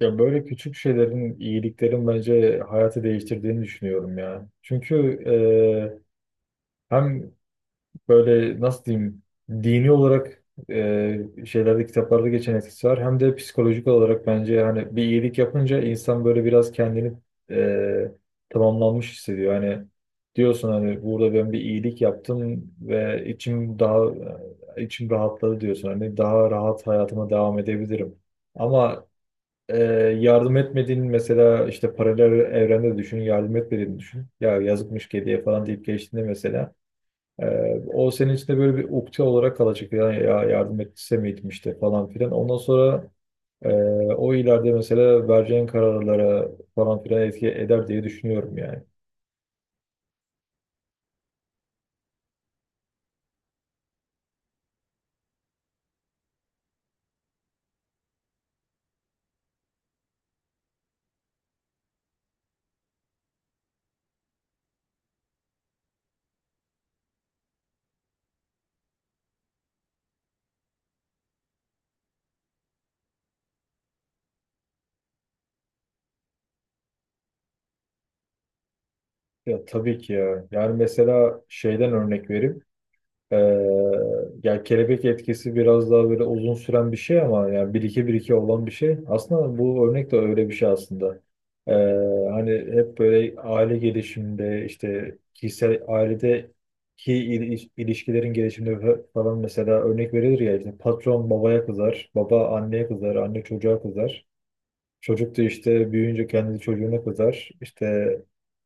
Ya böyle küçük şeylerin, iyiliklerin bence hayatı değiştirdiğini düşünüyorum ya. Çünkü e, hem böyle, nasıl diyeyim, dini olarak şeylerde, kitaplarda geçen etkisi var. Hem de psikolojik olarak bence hani bir iyilik yapınca insan böyle biraz kendini e, tamamlanmış hissediyor. Hani diyorsun, hani burada ben bir iyilik yaptım ve içim rahatladı diyorsun. Hani daha rahat hayatıma devam edebilirim. Ama ee, yardım etmediğin, mesela işte paralel evrende düşün, yardım etmediğini düşün. Ya yazıkmış kediye falan deyip geçtiğinde mesela e, o senin içinde böyle bir ukde olarak kalacak. Yani ya yardım etse miydim işte falan filan. Ondan sonra e, o ileride mesela vereceğin kararlara falan filan etki eder diye düşünüyorum yani. Ya tabii ki ya. Yani mesela şeyden örnek vereyim. Ee, Ya kelebek etkisi biraz daha böyle uzun süren bir şey, ama yani bir iki bir iki olan bir şey. Aslında bu örnek de öyle bir şey aslında. Ee, Hani hep böyle aile gelişiminde, işte kişisel ailedeki ilişkilerin gelişiminde falan mesela örnek verilir ya. İşte patron babaya kızar, baba anneye kızar, anne çocuğa kızar. Çocuk da işte büyüyünce kendi çocuğuna kızar. İşte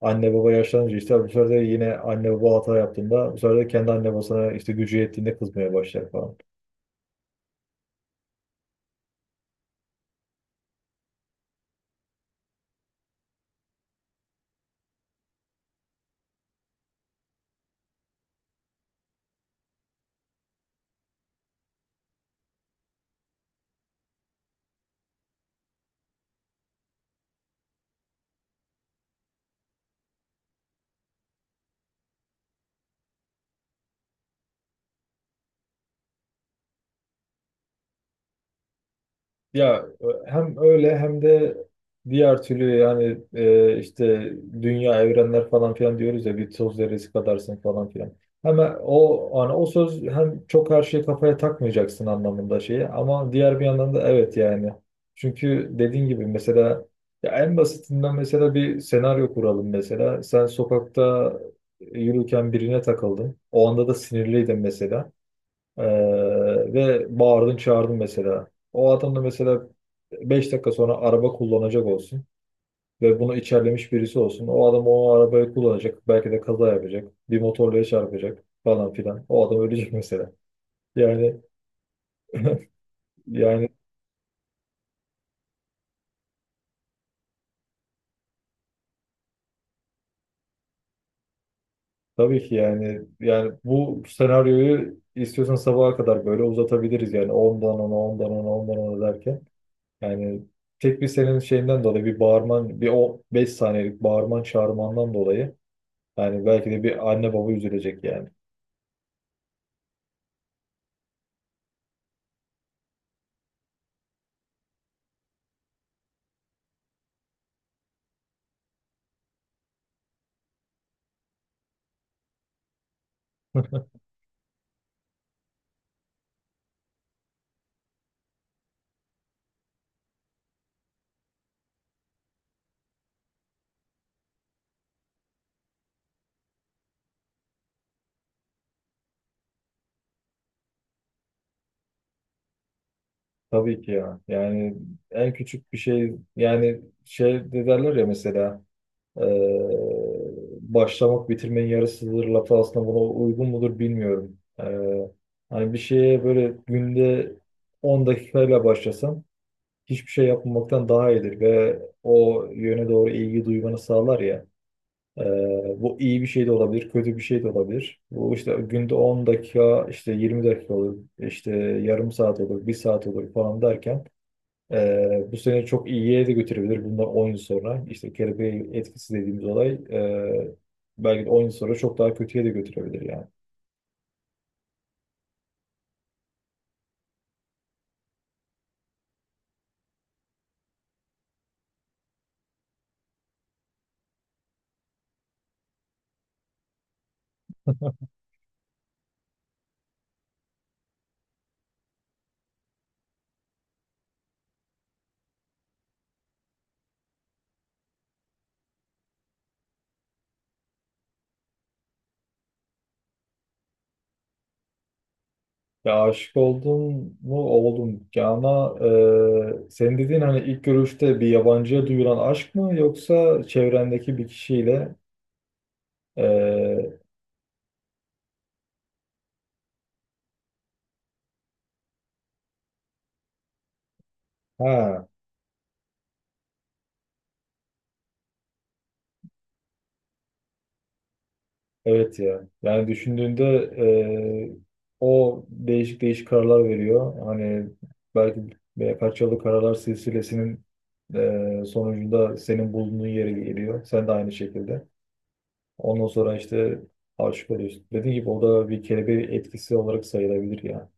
anne baba yaşlanınca, işte bu sefer de yine anne baba hata yaptığında, bu sefer de kendi anne babasına işte gücü yettiğinde kızmaya başlar falan. Ya hem öyle hem de diğer türlü. Yani işte dünya, evrenler falan filan diyoruz ya, bir toz zerresi kadarsın falan filan. Hemen o, hani o söz hem çok her şeyi kafaya takmayacaksın anlamında şeyi, ama diğer bir yandan da evet yani. Çünkü dediğin gibi mesela, ya en basitinden mesela bir senaryo kuralım mesela. Sen sokakta yürürken birine takıldın. O anda da sinirliydin mesela. Ee, Ve bağırdın, çağırdın mesela. O adam da mesela 5 dakika sonra araba kullanacak olsun ve bunu içerlemiş birisi olsun. O adam o arabayı kullanacak. Belki de kaza yapacak. Bir motorluya çarpacak falan filan. O adam ölecek mesela. Yani yani tabii ki Yani bu senaryoyu istiyorsan sabaha kadar böyle uzatabiliriz yani, ondan ona ondan ona ondan ona derken. Yani tek bir senin şeyinden dolayı, bir bağırman, bir o 5 saniyelik bağırman çağırmandan dolayı, yani belki de bir anne baba üzülecek yani. Tabii ki ya. Yani en küçük bir şey. Yani şey de derler ya mesela, eee, başlamak bitirmenin yarısıdır lafı aslında buna uygun mudur bilmiyorum. Hani bir şeye böyle günde 10 dakikayla başlasan hiçbir şey yapmamaktan daha iyidir ve o yöne doğru ilgi duymanı sağlar ya. Ee, Bu iyi bir şey de olabilir, kötü bir şey de olabilir. Bu işte günde 10 dakika, işte 20 dakika olur, işte yarım saat olur, bir saat olur falan derken bu sene çok iyiye de götürebilir. Bundan 10 yıl sonra, işte kelebek etkisi dediğimiz olay, belki de 10 yıl sonra çok daha kötüye de götürebilir yani. Ya aşık oldum mu? Oldum. Ya ama senin dediğin hani ilk görüşte bir yabancıya duyulan aşk mı, yoksa çevrendeki bir kişiyle e, ha. Evet ya. Yani düşündüğünde e, o değişik değişik kararlar veriyor. Hani belki birkaç yıllık kararlar silsilesinin sonucunda senin bulunduğun yere geliyor. Sen de aynı şekilde. Ondan sonra işte aşık oluyorsun. Dediğim gibi o da bir kelebek etkisi olarak sayılabilir ya.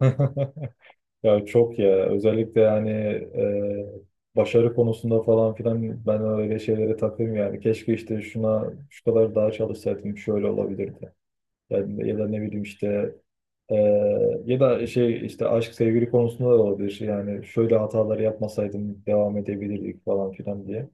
Ya çok ya. Özellikle yani başarı konusunda falan filan ben öyle şeylere takayım yani. Keşke işte şuna şu kadar daha çalışsaydım şöyle olabilirdi. Yani, ya da ne bileyim işte, e, ya da şey, işte aşk, sevgili konusunda da olabilir. Yani şöyle hataları yapmasaydım devam edebilirdik falan filan diye.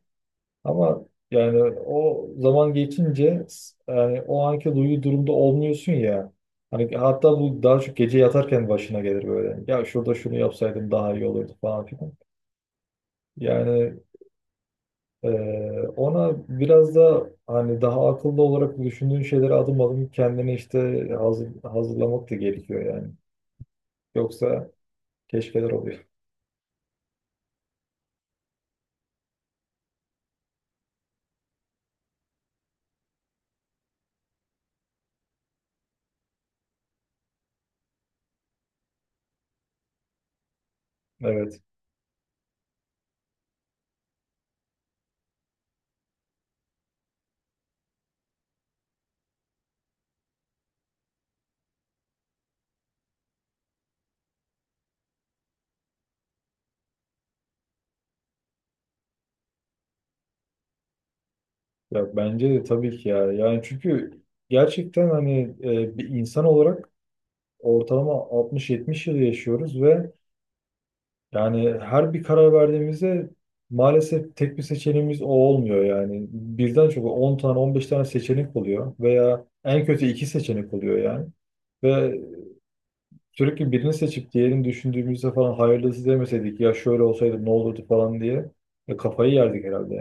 Ama yani o zaman geçince, yani o anki duygu durumda olmuyorsun ya. Hani hatta bu daha çok gece yatarken başına gelir böyle. Ya şurada şunu yapsaydım daha iyi olurdu falan filan. Yani e, ona biraz da hani daha akıllı olarak düşündüğün şeyleri adım adım kendini işte hazırlamak da gerekiyor yani. Yoksa keşfeler oluyor. Evet. Ya bence de tabii ki ya. Yani çünkü gerçekten hani bir insan olarak ortalama 60-70 yıl yaşıyoruz ve yani her bir karar verdiğimizde maalesef tek bir seçeneğimiz o olmuyor yani. Birden çok 10 tane, 15 tane seçenek oluyor, veya en kötü iki seçenek oluyor yani. Ve sürekli birini seçip diğerini düşündüğümüzde falan, hayırlısı demeseydik, ya şöyle olsaydı ne olurdu falan diye kafayı yerdik herhalde.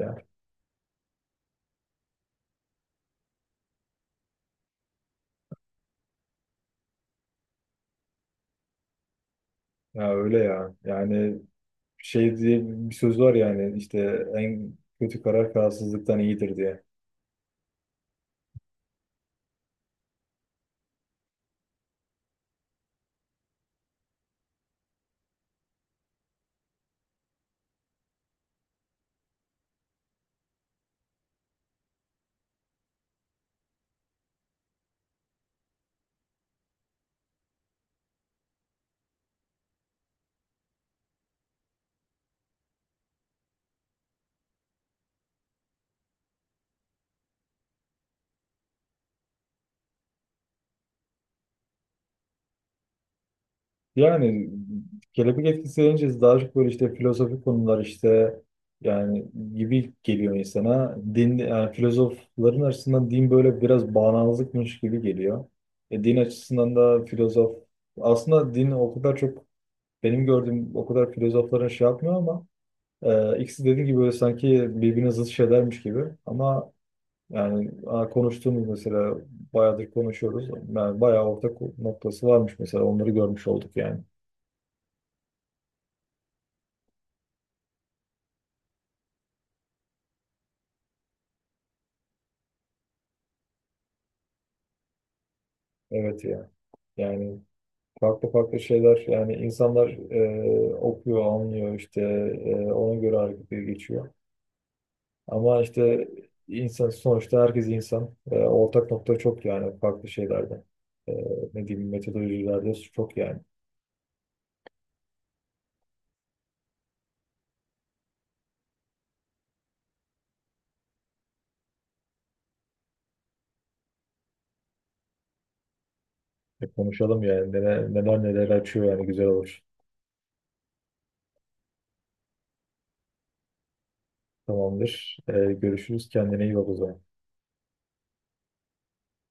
Ya öyle ya. Yani şey diye bir söz var yani, işte en kötü karar kararsızlıktan iyidir diye. Yani kelebek etkisi deyince daha çok böyle işte filozofik konular işte yani gibi geliyor insana. Din, yani filozofların açısından din böyle biraz bağnazlıkmış gibi geliyor. Din açısından da filozof, aslında din o kadar çok, benim gördüğüm o kadar filozofların şey yapmıyor ama ikisi, dediğim gibi böyle sanki birbirine zıt şeylermiş gibi ama. Yani konuştuğumuz mesela bayağıdır konuşuyoruz. Yani bayağı ortak noktası varmış mesela, onları görmüş olduk yani. Evet ya. Yani farklı farklı şeyler yani. İnsanlar okuyor, anlıyor, işte ona göre harekete geçiyor. Ama işte insan sonuçta, herkes insan. Ortak nokta çok yani farklı şeylerde. Ee, Ne diyeyim, metodolojilerde çok yani. Konuşalım yani, neler neler, neler açıyor yani, güzel olur. Tamamdır. Görüşürüz. Kendine iyi bak o zaman.